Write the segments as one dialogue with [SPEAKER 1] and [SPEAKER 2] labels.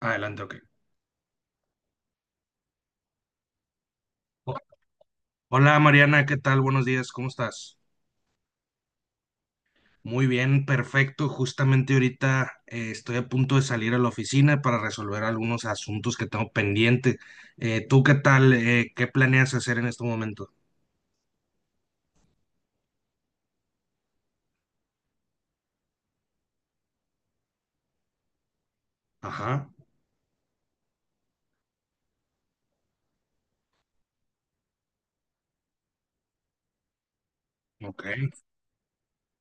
[SPEAKER 1] Adelante, ok. Ho- Hola Mariana, ¿qué tal? Buenos días, ¿cómo estás? Muy bien, perfecto. Justamente ahorita estoy a punto de salir a la oficina para resolver algunos asuntos que tengo pendiente. ¿Tú qué tal? ¿Qué planeas hacer en este momento? Ajá, ok.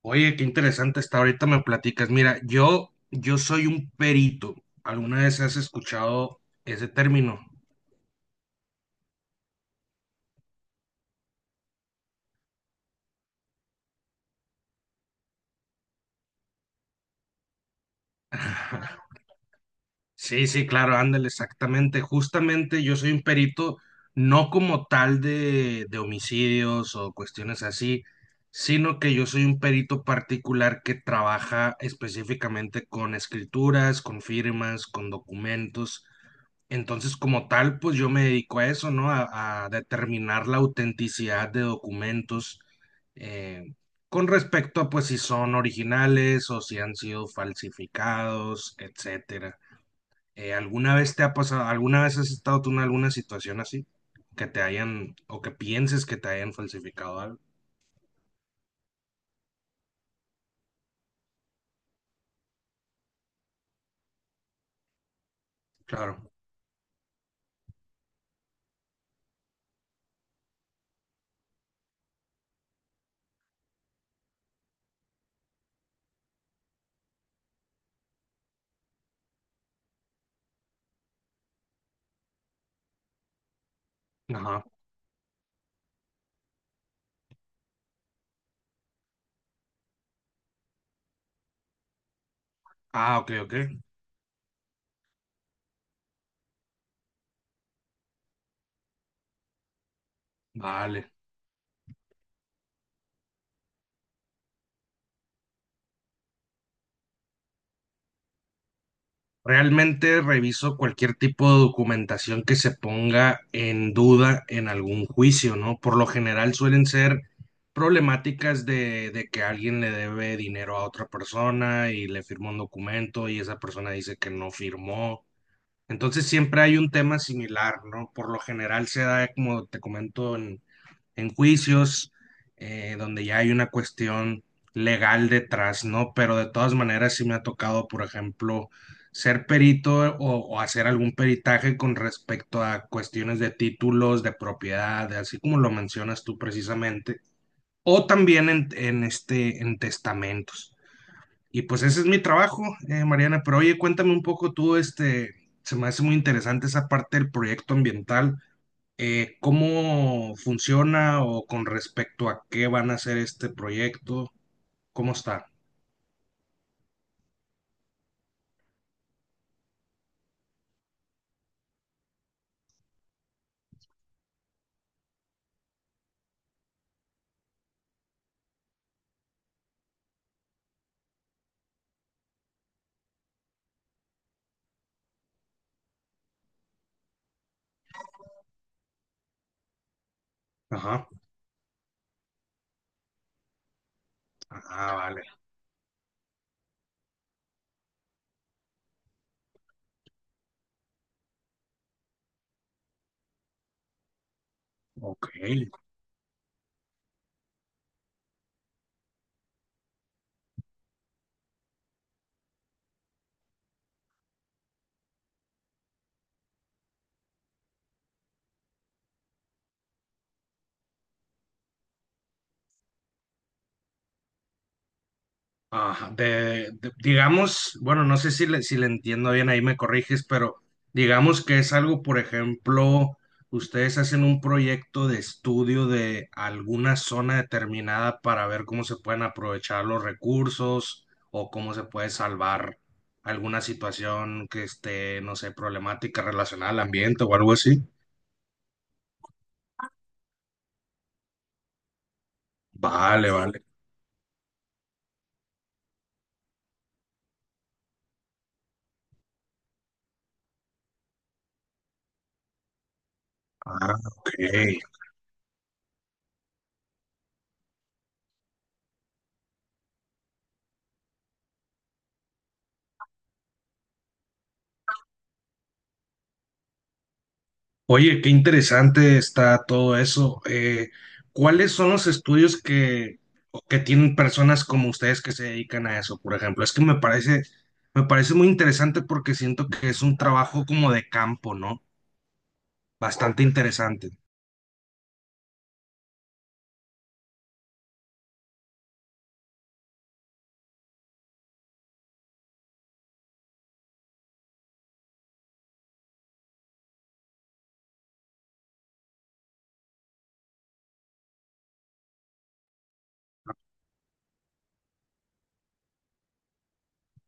[SPEAKER 1] Oye, qué interesante está. Ahorita me platicas. Mira, yo soy un perito. ¿Alguna vez has escuchado ese término? Sí, sí, claro, ándale, exactamente. Justamente yo soy un perito, no como tal de homicidios o cuestiones así, sino que yo soy un perito particular que trabaja específicamente con escrituras, con firmas, con documentos. Entonces, como tal, pues yo me dedico a eso, ¿no? A determinar la autenticidad de documentos eh, con respecto a, pues, si son originales o si han sido falsificados, etcétera. ¿Alguna vez te ha pasado, alguna vez has estado tú en alguna situación así? Que te hayan, o que pienses que te hayan falsificado algo. Claro. Ajá. Ah, ok, ok. Vale. Realmente reviso cualquier tipo de documentación que se ponga en duda en algún juicio, ¿no? Por lo general suelen ser problemáticas de que alguien le debe dinero a otra persona y le firma un documento y esa persona dice que no firmó. Entonces siempre hay un tema similar, ¿no? Por lo general se da, como te comento, en juicios, donde ya hay una cuestión legal detrás, ¿no? Pero de todas maneras sí me ha tocado, por ejemplo, ser perito o hacer algún peritaje con respecto a cuestiones de títulos, de propiedad, así como lo mencionas tú precisamente, o también en este, en testamentos. Y pues ese es mi trabajo, Mariana. Pero oye, cuéntame un poco tú, este, se me hace muy interesante esa parte del proyecto ambiental. ¿Cómo funciona o con respecto a qué van a hacer este proyecto? ¿Cómo está? Ajá. Ah, vale. Ok, ajá, digamos, bueno, no sé si si le entiendo bien, ahí me corriges, pero digamos que es algo, por ejemplo, ustedes hacen un proyecto de estudio de alguna zona determinada para ver cómo se pueden aprovechar los recursos o cómo se puede salvar alguna situación que esté, no sé, problemática relacionada al ambiente o algo así. Vale, vale. Ah, ok. Oye, qué interesante está todo eso. ¿Cuáles son los estudios que tienen personas como ustedes que se dedican a eso, por ejemplo? Es que me parece muy interesante porque siento que es un trabajo como de campo, ¿no? Bastante interesante.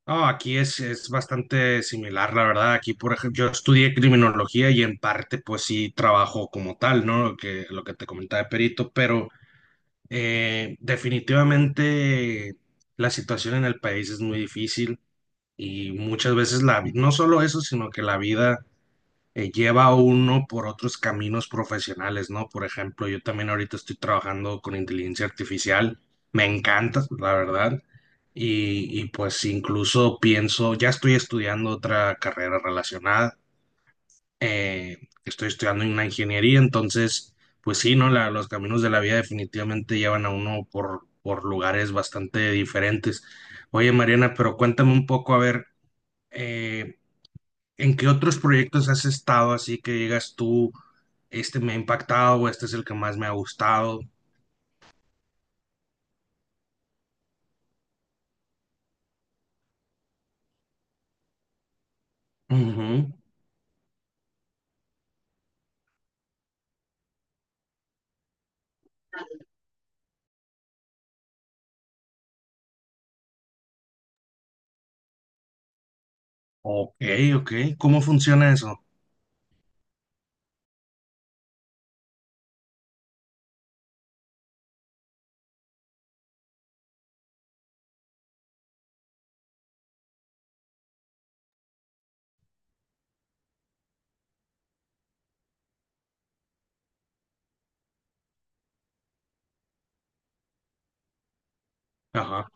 [SPEAKER 1] Ah, aquí es bastante similar, la verdad. Aquí, por ejemplo, yo estudié criminología y en parte, pues sí, trabajo como tal, ¿no? Lo que te comentaba de perito, pero... definitivamente la situación en el país es muy difícil y muchas veces no solo eso, sino que la vida lleva a uno por otros caminos profesionales, ¿no? Por ejemplo, yo también ahorita estoy trabajando con inteligencia artificial, me encanta, la verdad, y pues incluso pienso, ya estoy estudiando otra carrera relacionada eh, estoy estudiando una ingeniería, entonces, pues sí, ¿no? Los caminos de la vida definitivamente llevan a uno por lugares bastante diferentes. Oye, Mariana, pero cuéntame un poco, a ver, eh, ¿en qué otros proyectos has estado así que digas tú, este me ha impactado o este es el que más me ha gustado? Ujú. Ok, ok. ¿Cómo funciona eso? Ajá,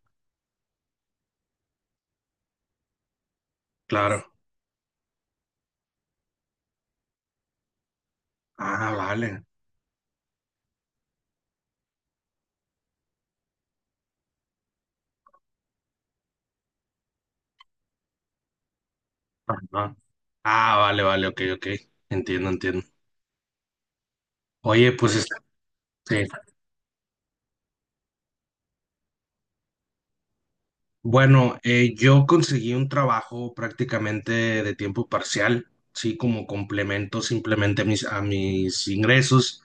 [SPEAKER 1] claro. Ah, vale. Ajá. Ah, vale, vale, ok, ok. Entiendo, entiendo. Oye, pues sí. Bueno, yo conseguí un trabajo prácticamente de tiempo parcial, sí, como complemento simplemente a a mis ingresos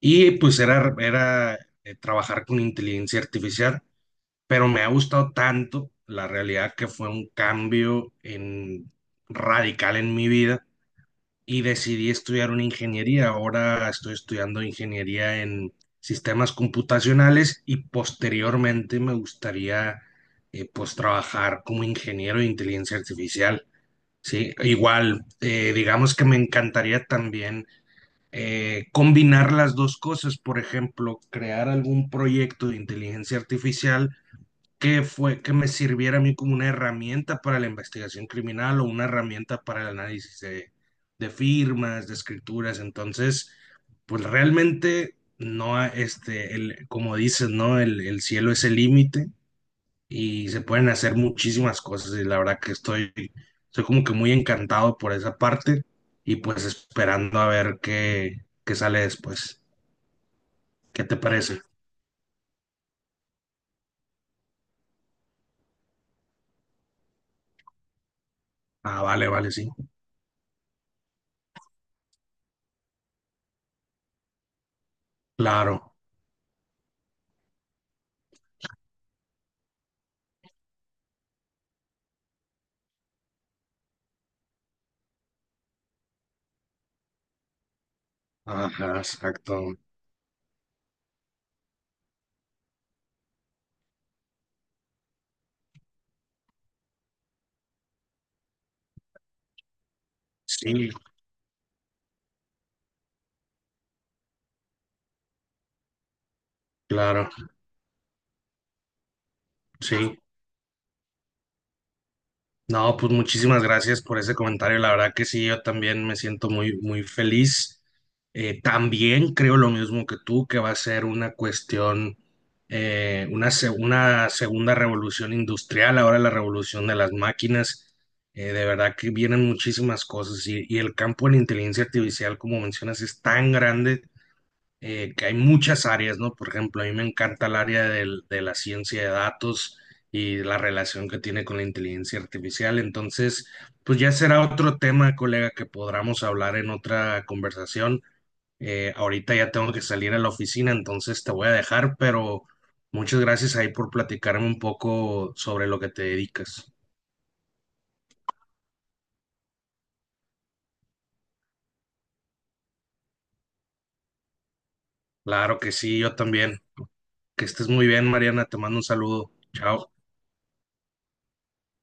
[SPEAKER 1] y pues era trabajar con inteligencia artificial, pero me ha gustado tanto la realidad que fue un cambio radical en mi vida y decidí estudiar una ingeniería. Ahora estoy estudiando ingeniería en sistemas computacionales y posteriormente me gustaría pues trabajar como ingeniero de inteligencia artificial. Sí, igual, digamos que me encantaría también combinar las dos cosas, por ejemplo, crear algún proyecto de inteligencia artificial que fue que me sirviera a mí como una herramienta para la investigación criminal o una herramienta para el análisis de firmas, de escrituras. Entonces, pues realmente no, este, como dices, ¿no? El cielo es el límite y se pueden hacer muchísimas cosas y la verdad que estoy como que muy encantado por esa parte y pues esperando a ver qué sale después. ¿Qué te parece? Ah, vale, vale, sí. Claro. Ajá, exacto. Sí, claro, sí. No, pues muchísimas gracias por ese comentario. La verdad que sí, yo también me siento muy, muy feliz. También creo lo mismo que tú, que va a ser una cuestión, una segunda revolución industrial, ahora la revolución de las máquinas. De verdad que vienen muchísimas cosas y el campo de la inteligencia artificial, como mencionas, es tan grande que hay muchas áreas, ¿no? Por ejemplo, a mí me encanta el área de la ciencia de datos y la relación que tiene con la inteligencia artificial. Entonces, pues ya será otro tema, colega, que podamos hablar en otra conversación. Ahorita ya tengo que salir a la oficina, entonces te voy a dejar, pero muchas gracias ahí por platicarme un poco sobre lo que te dedicas. Claro que sí, yo también. Que estés muy bien, Mariana. Te mando un saludo. Chao.